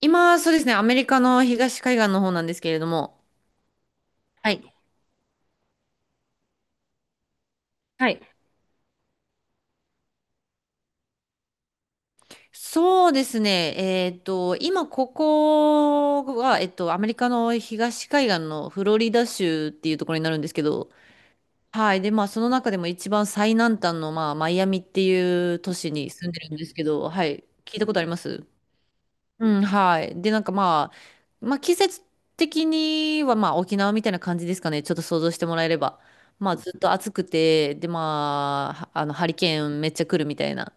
今、そうですね、アメリカの東海岸の方なんですけれども、はい。はい。そうですね、今、ここは、アメリカの東海岸のフロリダ州っていうところになるんですけど、はい。で、まあ、その中でも一番最南端の、まあ、マイアミっていう都市に住んでるんですけど、はい、聞いたことあります？うん、はい。で、なんか、まあ季節的にはまあ沖縄みたいな感じですかね。ちょっと想像してもらえれば。まあずっと暑くて、でまあ、あのハリケーンめっちゃ来るみたいな、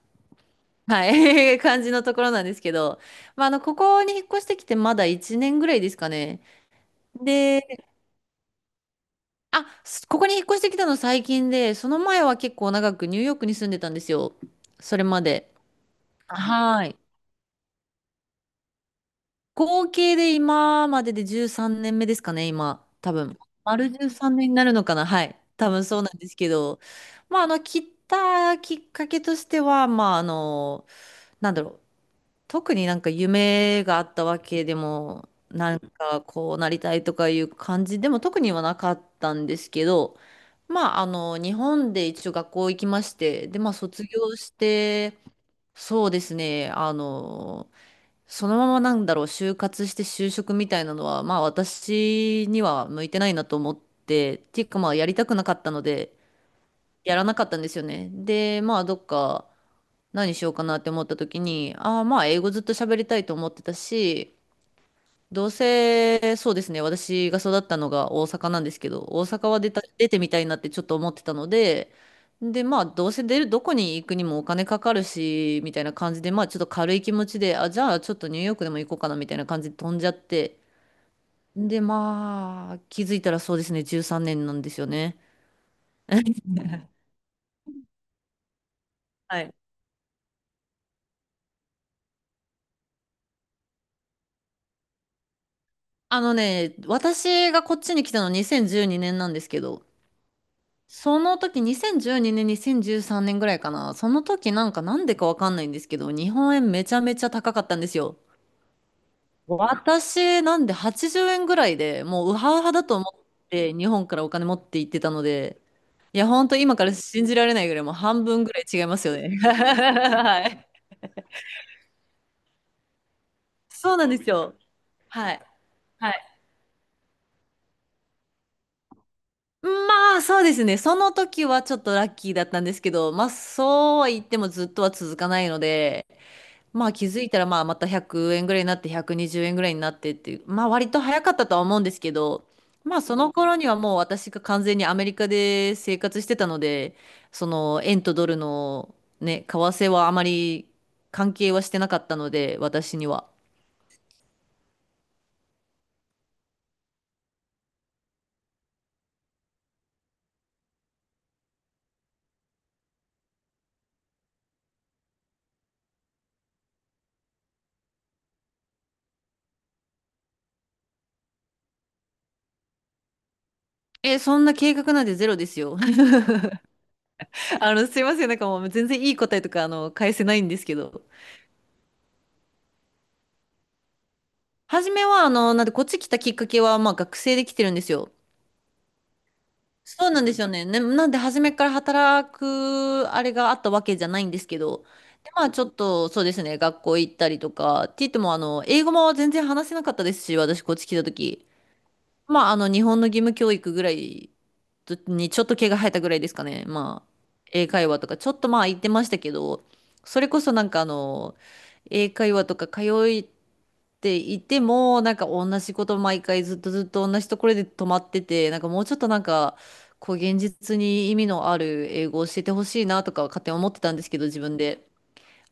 はい、感じのところなんですけど、まああの、ここに引っ越してきてまだ1年ぐらいですかね。で、ここに引っ越してきたの最近で、その前は結構長くニューヨークに住んでたんですよ。それまで。はい。合計で今までで13年目ですかね、今。多分。丸13年になるのかな。はい。多分そうなんですけど。まあ、あの、切ったきっかけとしては、まあ、あの、なんだろう。特になんか夢があったわけでも、なんかこうなりたいとかいう感じでも特にはなかったんですけど、まあ、あの、日本で一応学校行きまして、で、まあ、卒業して、そうですね、あの、そのままなんだろう、就活して就職みたいなのは、まあ私には向いてないなと思って、っていうかまあやりたくなかったので、やらなかったんですよね。で、まあどっか何しようかなって思った時に、ああまあ英語ずっと喋りたいと思ってたし、どうせ、そうですね、私が育ったのが大阪なんですけど、大阪は出てみたいなってちょっと思ってたので、で、まあ、どうせ出る、どこに行くにもお金かかるし、みたいな感じで、まあ、ちょっと軽い気持ちで、あ、じゃあ、ちょっとニューヨークでも行こうかな、みたいな感じで飛んじゃって、で、まあ、気づいたらそうですね、13年なんですよね。はい。あのね、私がこっちに来たの2012年なんですけど、その時、2012年、2013年ぐらいかな。その時なんかなんでかわかんないんですけど、日本円めちゃめちゃ高かったんですよ。私、なんで80円ぐらいでもうウハウハだと思って日本からお金持って行ってたので、いや、ほんと今から信じられないぐらいもう半分ぐらい違いますよね。はい。そうなんですよ。はい。はい。まあ、そうですね。その時はちょっとラッキーだったんですけど、まあ、そうは言ってもずっとは続かないので、まあ気づいたらまあまた100円ぐらいになって120円ぐらいになってっていう、まあ割と早かったとは思うんですけど、まあその頃にはもう私が完全にアメリカで生活してたので、その円とドルのね、為替はあまり関係はしてなかったので、私には。え、そんな計画なんてゼロですよ。あの、すいません、なんかもう全然いい答えとかあの返せないんですけど。初めはあの、なんでこっち来たきっかけはまあ学生で来てるんですよ。そうなんですよね。ね、なんで初めから働くあれがあったわけじゃないんですけど、で、まあちょっとそうですね、学校行ったりとか、って言ってもあの、英語も全然話せなかったですし、私こっち来た時。まああの、日本の義務教育ぐらいとにちょっと毛が生えたぐらいですかね。まあ、英会話とか、ちょっとまあ言ってましたけど、それこそなんかあの、英会話とか通い、っていても、なんか同じこと毎回ずっと同じところで止まってて、なんかもうちょっとなんか、こう現実に意味のある英語を教えてほしいなとかは勝手に思ってたんですけど、自分で。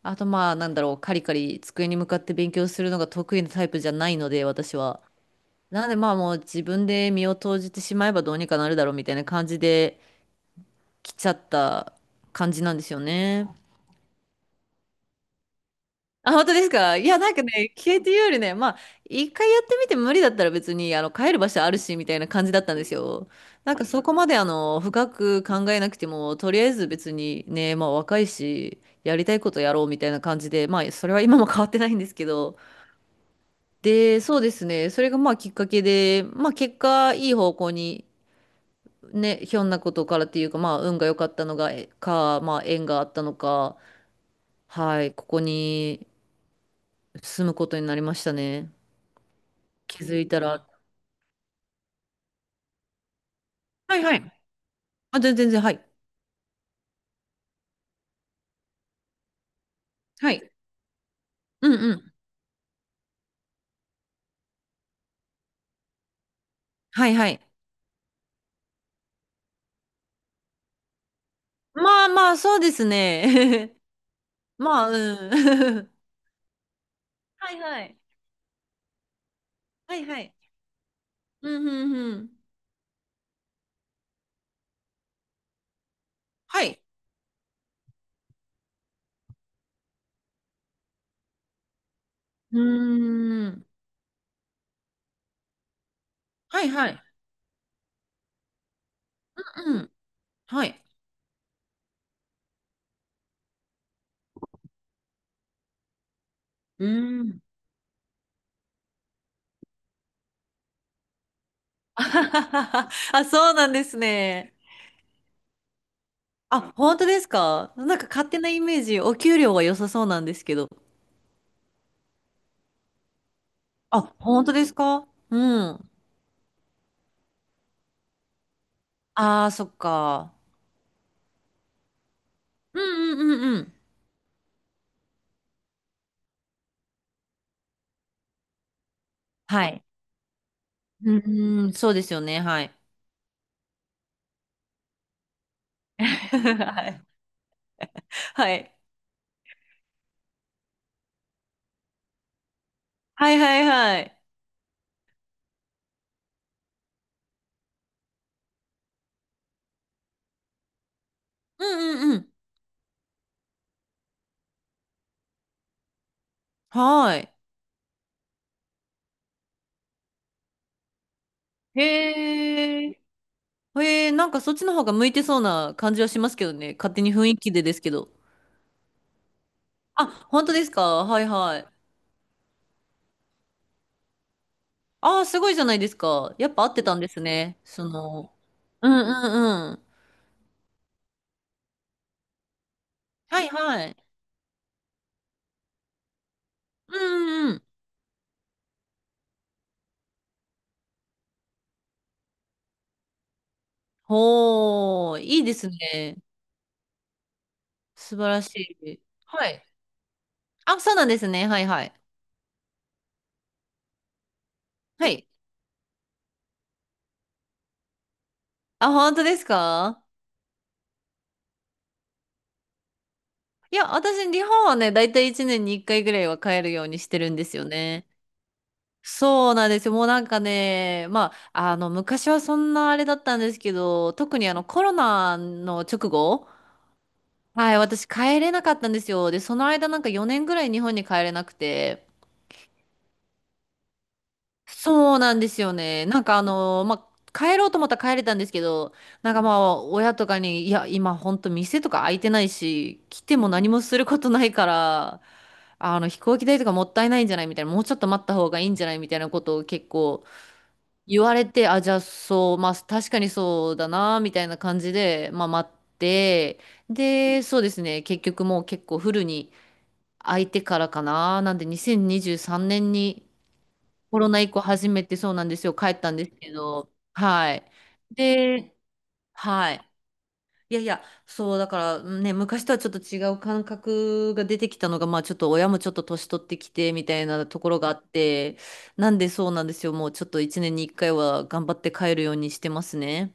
あとまあ、なんだろう、カリカリ机に向かって勉強するのが得意なタイプじゃないので、私は。なのでまあもう自分で身を投じてしまえばどうにかなるだろうみたいな感じで来ちゃった感じなんですよね。あ、本当ですか？いや、なんかね、消えていうよりね、まあ、一回やってみて無理だったら別に、あの、帰る場所あるし、みたいな感じだったんですよ。なんかそこまで、あの、深く考えなくても、とりあえず別にね、まあ、若いし、やりたいことやろうみたいな感じで、まあ、それは今も変わってないんですけど。で、そうですね、それがまあ、きっかけで、まあ、結果、いい方向に、ね、ひょんなことからっていうか、まあ、運が良かったのが、えか、まあ、縁があったのか、はい、ここに住むことになりましたね。気づいたら、はいはい。あ、全然全然、はい。はい。うんうん。はいはい。まあまあ、そうですね。まあ、うん。はいはい。はいはい。うんうんうん。はい。うーん。はいはい。うん。はい。うーん。あ、そうなんですね。あ、本当ですか？なんか勝手なイメージ、お給料は良さそうなんですけど。あ、本当ですか？うん。ああ、そっか。うんうんうんうん。はい。うーん、そうですよね。はい。はい。はい。はいはいはい。うんうんうん。はい。へえ。へえー、なんかそっちの方が向いてそうな感じはしますけどね。勝手に雰囲気でですけど。あ、本当ですか？はいはい。ああ、すごいじゃないですか。やっぱ合ってたんですね。その、うんうんうん。はいはい。うんうんうん。ほー、いいですね。素晴らしい。はい。あ、そうなんですね。はいはい。はい。あ、本当ですか？いや、私、日本はね、だいたい1年に1回ぐらいは帰るようにしてるんですよね。そうなんですよ。もうなんかね、まあ、あの、昔はそんなあれだったんですけど、特にあの、コロナの直後、はい、私帰れなかったんですよ。で、その間なんか4年ぐらい日本に帰れなくて、そうなんですよね。なんかあの、まあ、帰ろうと思ったら帰れたんですけど、なんかまあ、親とかに、いや、今ほんと店とか開いてないし、来ても何もすることないから、あの飛行機代とかもったいないんじゃないみたいな、もうちょっと待った方がいいんじゃないみたいなことを結構言われて、あ、じゃあそう、まあ確かにそうだな、みたいな感じで、まあ待って、で、そうですね、結局もう結構フルに空いてからかな、なんで2023年にじゅうさんねんにコロナ以降初めてそうなんですよ、帰ったんですけど、はい。で、はい。いやいや、そう、だからね、昔とはちょっと違う感覚が出てきたのが、まあちょっと親もちょっと年取ってきてみたいなところがあって、なんでそうなんですよ。もうちょっと一年に一回は頑張って帰るようにしてますね。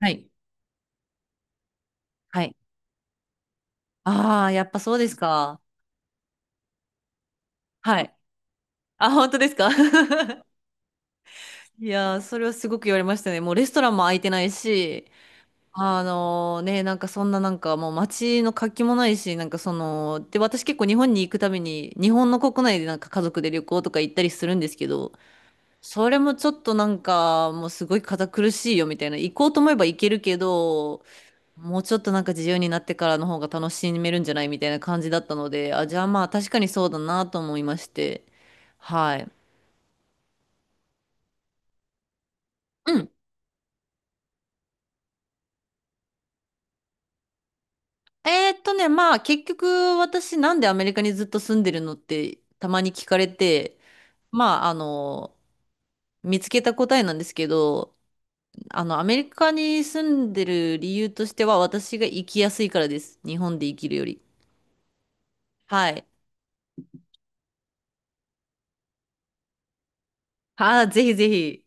はい。はい。ああ、やっぱそうですか。はい。あ、本当ですか？ いやー、それはすごく言われましたね。もうレストランも空いてないし、あのね、なんかそんななんかもう街の活気もないし、なんかその、で、私結構日本に行くために、日本の国内でなんか家族で旅行とか行ったりするんですけど、それもちょっとなんかもうすごい堅苦しいよみたいな、行こうと思えば行けるけど、もうちょっとなんか自由になってからの方が楽しめるんじゃないみたいな感じだったので、あ、じゃあまあ確かにそうだなと思いまして、はい。うん。ね、まあ結局私なんでアメリカにずっと住んでるのってたまに聞かれて、まあ、あの、見つけた答えなんですけど、あの、アメリカに住んでる理由としては、私が生きやすいからです。日本で生きるより。はい。ああ、ぜひぜひ。